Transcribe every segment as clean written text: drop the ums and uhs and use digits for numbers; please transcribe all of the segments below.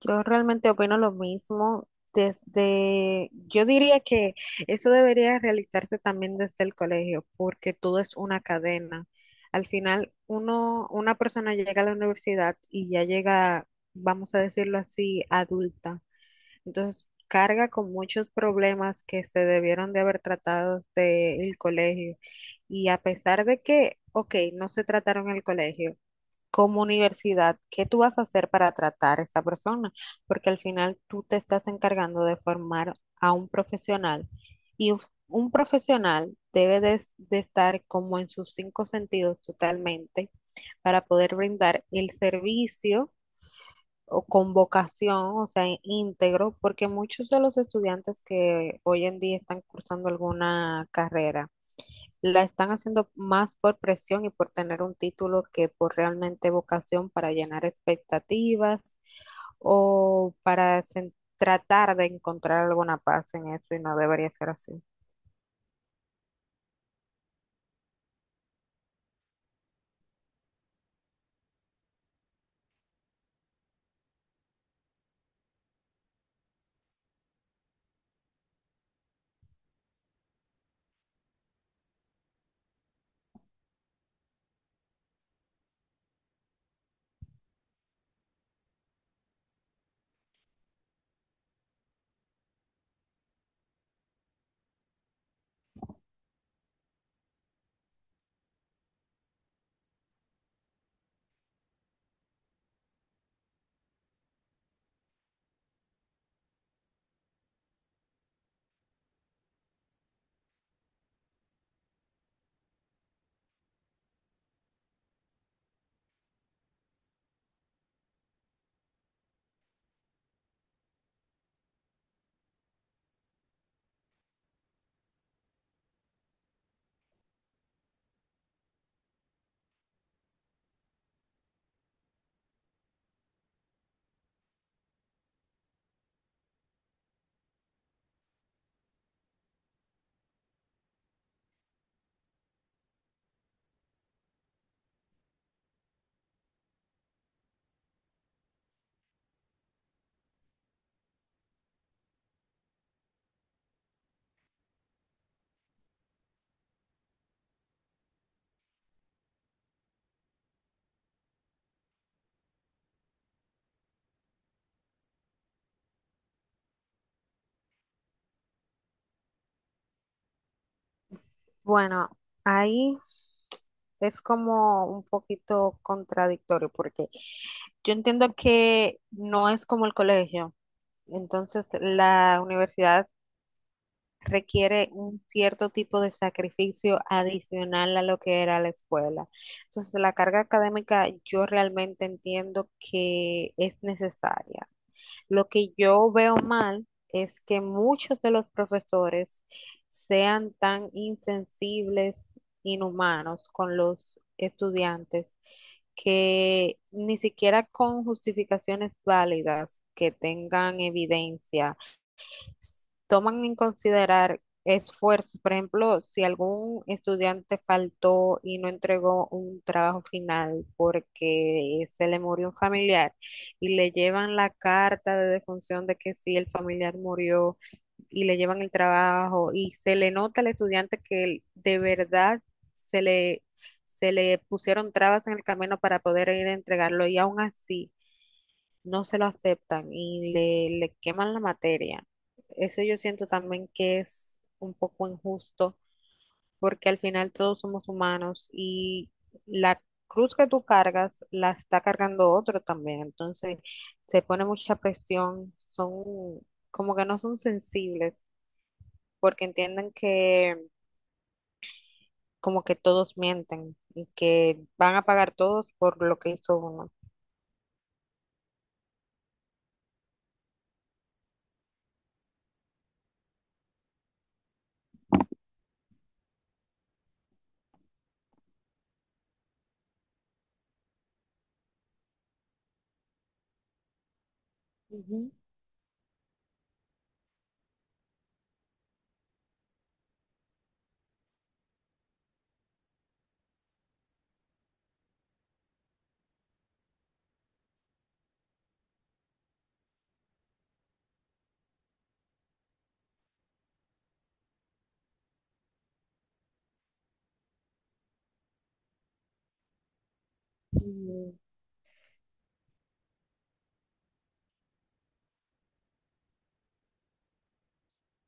Yo realmente opino lo mismo. Yo diría que eso debería realizarse también desde el colegio, porque todo es una cadena. Al final, una persona llega a la universidad y ya llega, vamos a decirlo así, adulta. Entonces, carga con muchos problemas que se debieron de haber tratado desde el colegio. Y a pesar de que, ok, no se trataron en el colegio como universidad, ¿qué tú vas a hacer para tratar a esa persona? Porque al final tú te estás encargando de formar a un profesional y un profesional debe de estar como en sus cinco sentidos totalmente para poder brindar el servicio o con vocación, o sea, íntegro, porque muchos de los estudiantes que hoy en día están cursando alguna carrera, la están haciendo más por presión y por tener un título que por realmente vocación para llenar expectativas o para tratar de encontrar alguna paz en eso y no debería ser así. Bueno, ahí es como un poquito contradictorio porque yo entiendo que no es como el colegio, entonces la universidad requiere un cierto tipo de sacrificio adicional a lo que era la escuela. Entonces, la carga académica yo realmente entiendo que es necesaria. Lo que yo veo mal es que muchos de los profesores sean tan insensibles, inhumanos con los estudiantes, que ni siquiera con justificaciones válidas que tengan evidencia toman en considerar esfuerzos. Por ejemplo, si algún estudiante faltó y no entregó un trabajo final porque se le murió un familiar y le llevan la carta de defunción de que sí, el familiar murió y le llevan el trabajo y se le nota al estudiante que él de verdad se le... se le pusieron trabas en el camino para poder ir a entregarlo y aún así no se lo aceptan y le queman la materia. Eso yo siento también que es un poco injusto porque al final todos somos humanos y la cruz que tú cargas la está cargando otro también. Entonces se pone mucha presión, son como que no son sensibles porque entienden que como que todos mienten y que van a pagar todos por lo que hizo uno. Ujú.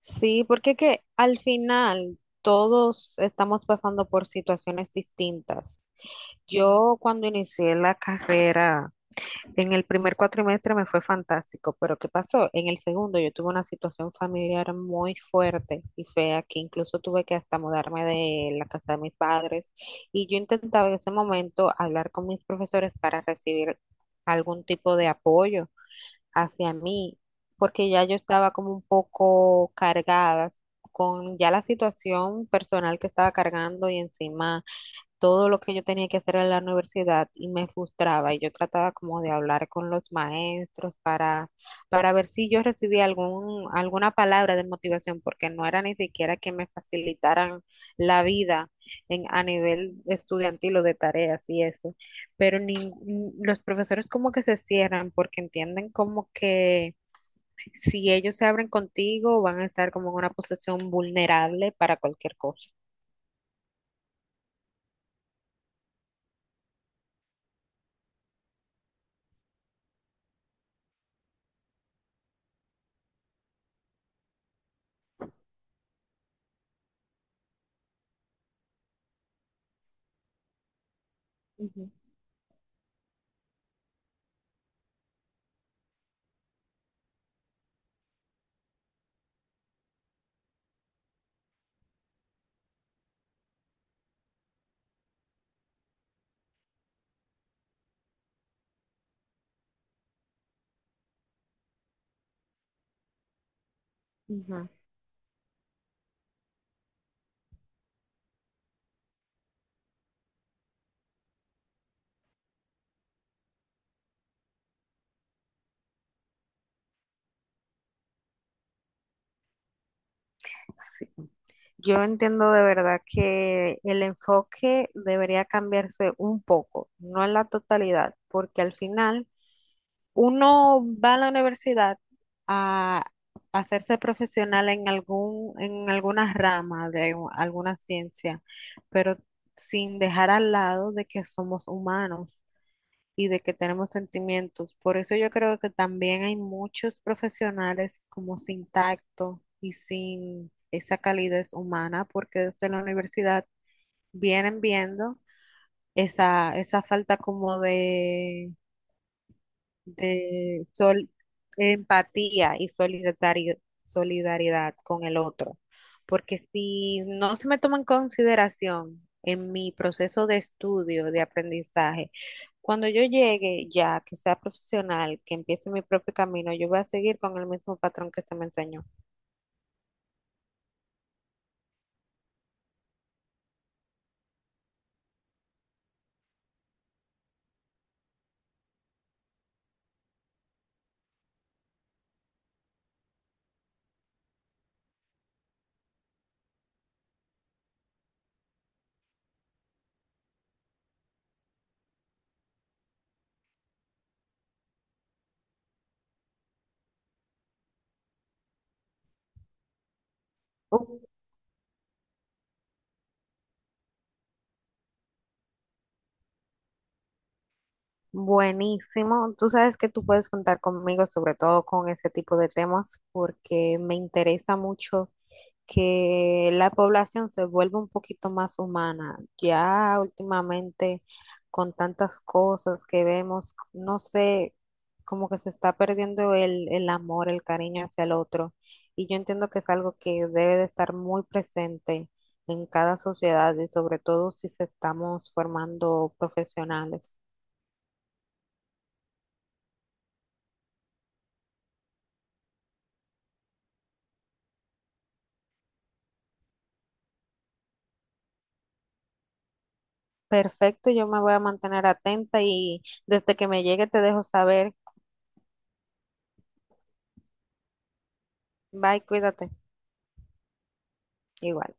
Sí, porque que al final todos estamos pasando por situaciones distintas. Yo cuando inicié la carrera, en el primer cuatrimestre me fue fantástico, pero ¿qué pasó? En el segundo yo tuve una situación familiar muy fuerte y fea que incluso tuve que hasta mudarme de la casa de mis padres y yo intentaba en ese momento hablar con mis profesores para recibir algún tipo de apoyo hacia mí, porque ya yo estaba como un poco cargada con ya la situación personal que estaba cargando y encima todo lo que yo tenía que hacer en la universidad y me frustraba y yo trataba como de hablar con los maestros para, ver si yo recibía alguna palabra de motivación, porque no era ni siquiera que me facilitaran la vida en, a nivel estudiantil o de tareas y eso, pero los profesores como que se cierran porque entienden como que si ellos se abren contigo van a estar como en una posición vulnerable para cualquier cosa. Ujú, ujú. Yo entiendo de verdad que el enfoque debería cambiarse un poco, no en la totalidad, porque al final uno va a la universidad a hacerse profesional en en alguna rama alguna ciencia, pero sin dejar al lado de que somos humanos y de que tenemos sentimientos. Por eso yo creo que también hay muchos profesionales como sin tacto y sin esa calidez humana, porque desde la universidad vienen viendo esa falta como de empatía y solidaridad con el otro. Porque si no se me toma en consideración en mi proceso de estudio, de aprendizaje, cuando yo llegue ya, que sea profesional, que empiece mi propio camino, yo voy a seguir con el mismo patrón que se me enseñó. Uh, Buenísimo. Tú sabes que tú puedes contar conmigo, sobre todo con ese tipo de temas, porque me interesa mucho que la población se vuelva un poquito más humana. Ya últimamente, con tantas cosas que vemos, no sé, como que se está perdiendo el amor, el cariño hacia el otro. Y yo entiendo que es algo que debe de estar muy presente en cada sociedad y sobre todo si se estamos formando profesionales. Perfecto, yo me voy a mantener atenta y desde que me llegue te dejo saber. Bye, cuídate. Igual.